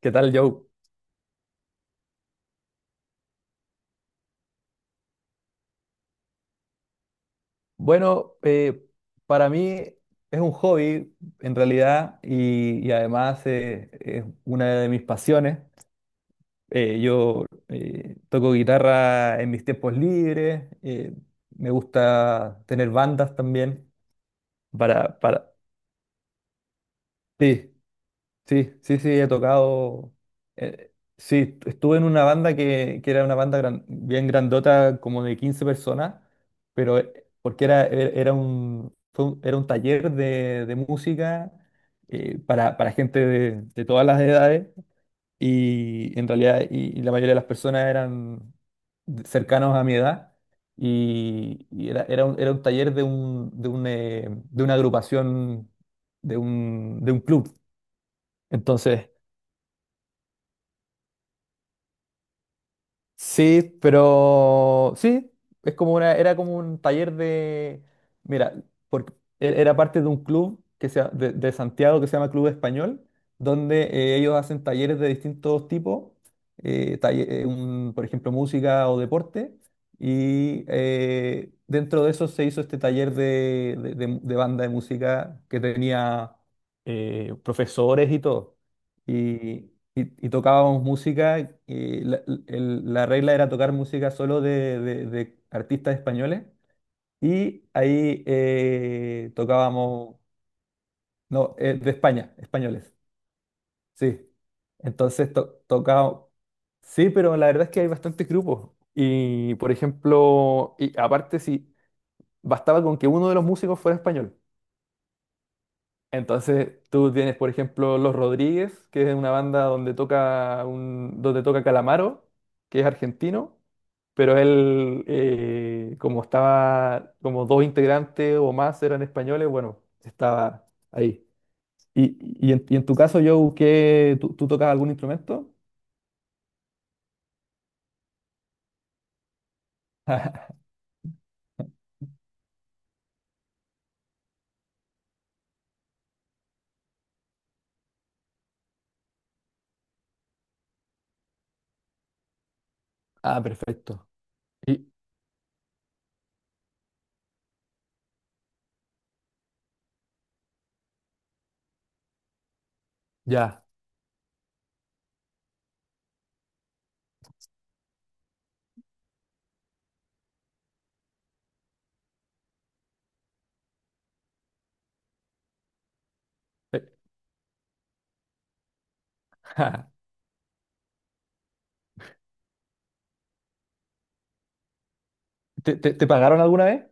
¿Qué tal, Joe? Bueno, para mí es un hobby en realidad y además es una de mis pasiones. Yo toco guitarra en mis tiempos libres, me gusta tener bandas también para, para... Sí, sí, sí, sí, he tocado. Sí, estuve en una banda que era una banda bien grandota, como de 15 personas, pero porque era, era un, fue era un taller de música para gente de todas las edades y en realidad y la mayoría de las personas eran cercanos a mi edad y era, era un taller de, un, de, un, de una agrupación, de un club. Entonces... Sí, pero sí, es como una, era como un taller de, mira, porque era parte de un club que se, de Santiago que se llama Club Español, donde ellos hacen talleres de distintos tipos, por ejemplo, música o deporte, y dentro de eso se hizo este taller de, de banda de música que tenía profesores y todo y, y tocábamos música. Y la, la regla era tocar música solo de, de artistas españoles. Y ahí tocábamos, no, de España, españoles, sí. Entonces tocaba, sí, pero la verdad es que hay bastantes grupos. Y por ejemplo, y aparte si bastaba con que uno de los músicos fuera español. Entonces tú tienes, por ejemplo, Los Rodríguez, que es una banda donde toca un, donde toca Calamaro, que es argentino, pero él, como estaba, como dos integrantes o más eran españoles, bueno, estaba ahí. Y en tu caso, Joe, ¿qué, tú tocas algún instrumento? Ah, perfecto. Y ya. Eh, ¿Te, te pagaron alguna vez?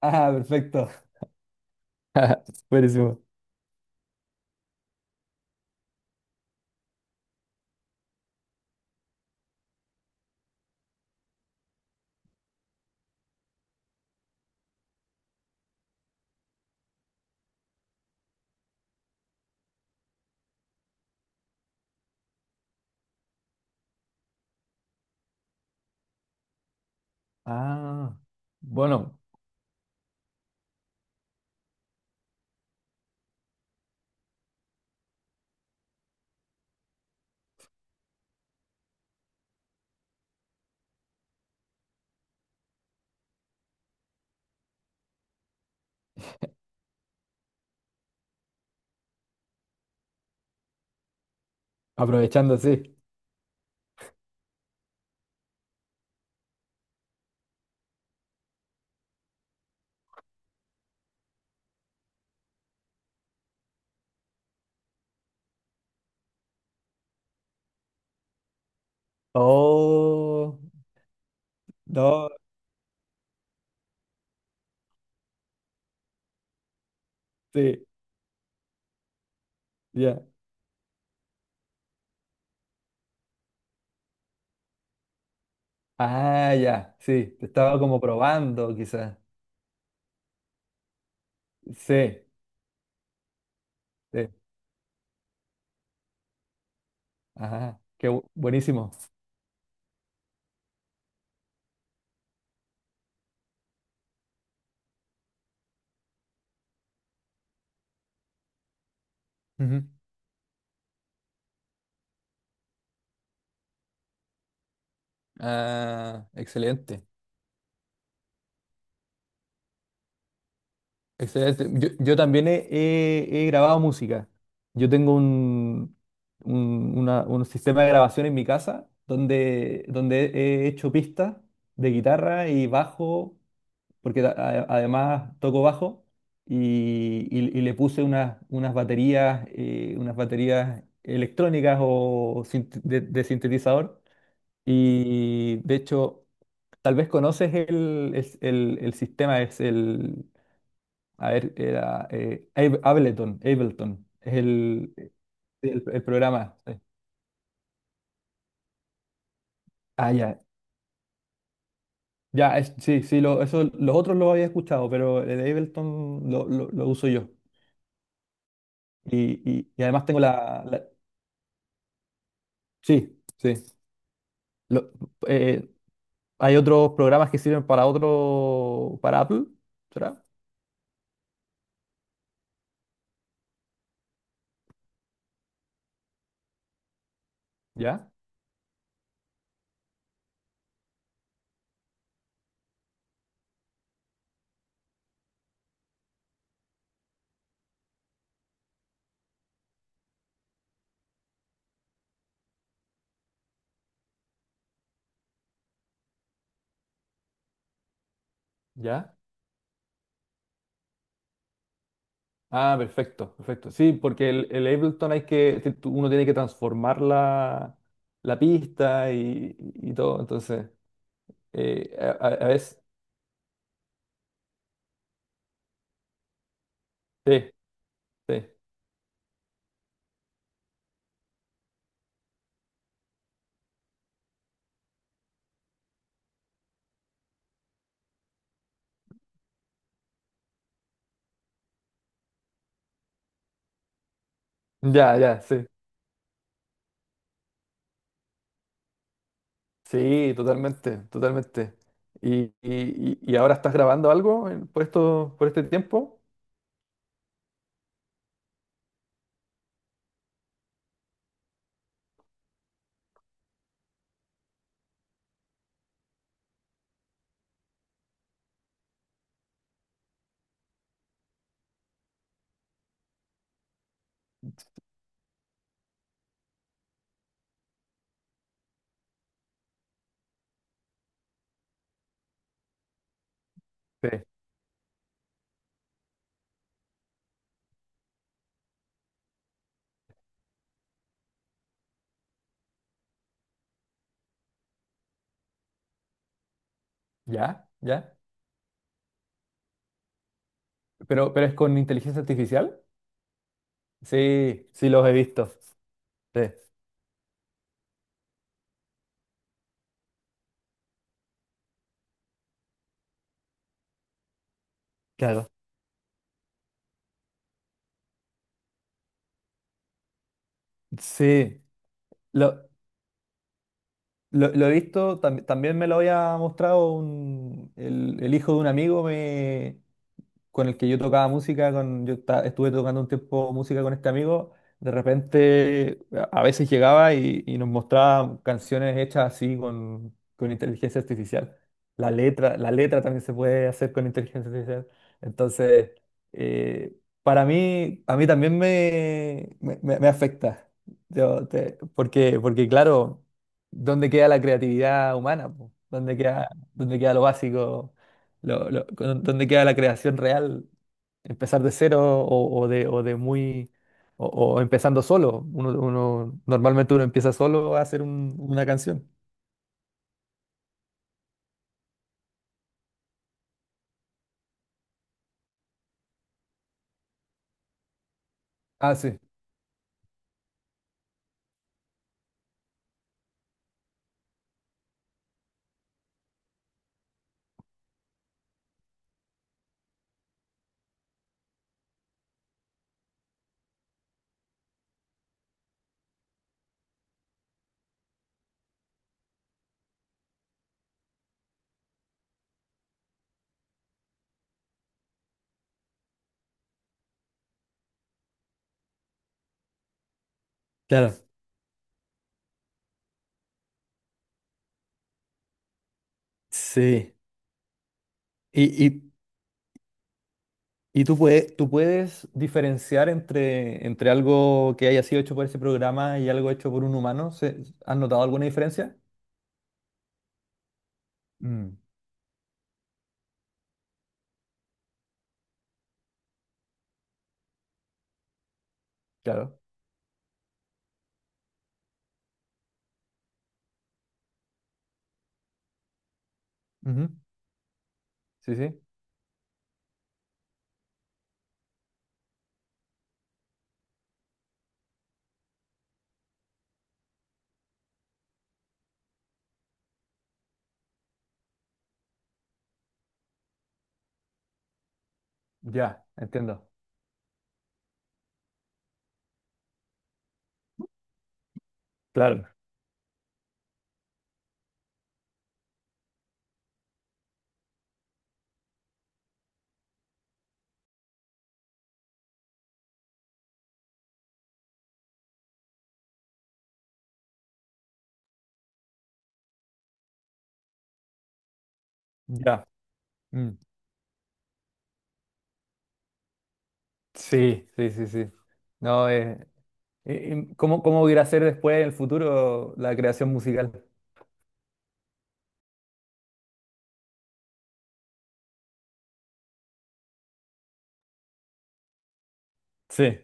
Ah, perfecto. Buenísimo. Ah, bueno, aprovechando, sí. Oh, no, sí, ya. Ah, ya, sí, te estaba como probando, quizás. Sí, sí, ajá, qué buenísimo. Ujú. Ah, excelente, excelente. Yo también he, he grabado música. Yo tengo un, un sistema de grabación en mi casa donde, donde he hecho pistas de guitarra y bajo porque además toco bajo y, y le puse unas, unas baterías electrónicas o de sintetizador. Y de hecho, tal vez conoces el, es el sistema, es el, a ver, era Ableton, Ableton, es el programa. Sí. Ah, ya. Ya, sí, sí, lo, eso, los otros los había escuchado, pero el Ableton lo uso yo. Y, y además tengo la, sí, sí. Lo- eh, hay otros programas que sirven para otro, para Apple, ¿será? ¿Ya? ¿Ya? Ah, perfecto, perfecto. Sí, porque el Ableton hay que, te- uno tiene que transformar la, la pista y todo, entonces, a, a veces, sí, sí. Ya, ya, sí. Sí, totalmente, totalmente. ¿Y, y ahora estás grabando algo por esto, por este tiempo? Sí. ¿Ya? ¿Ya? Pero, ¿pero es con inteligencia artificial? Sí, sí, los he visto. Sí, claro, sí. Lo, lo he visto, tam- también me lo había mostrado el hijo de un amigo, me con el que yo tocaba música, con, yo estuve tocando un tiempo música con este amigo, de repente a veces llegaba y nos mostraba canciones hechas así con inteligencia artificial. La letra también se puede hacer con inteligencia artificial. Entonces, eh, para mí, a mí también me, me afecta. Porque, porque claro, ¿dónde queda la creatividad humana? ¿Po? Dónde queda lo básico? Donde queda la creación real, empezar de cero o de muy, o empezando solo? Uno, normalmente uno empieza solo a hacer una canción. Ah, sí. Claro, sí. Y, y, y tú puedes diferenciar entre, entre algo que haya sido hecho por ese programa y algo hecho por un humano. ¿Se- ¿Has notado alguna diferencia? Mm, claro. Ujú. Sí, sí. Ya, entiendo. Claro. Ya. Mm, sí, sí, sí, sí. No, es ¿cómo, cómo irá a ser después en el futuro la creación musical? Sí,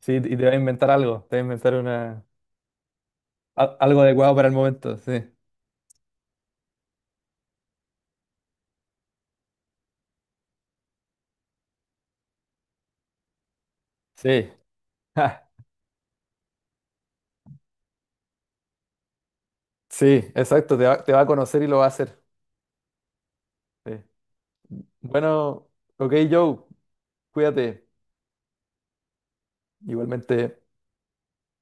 sí, y te va a inventar algo, te va a inventar una, algo adecuado para el momento, sí. Sí, ja, sí, exacto, te va a conocer y lo va a hacer. Sí. Bueno, ok, Joe, cuídate, igualmente.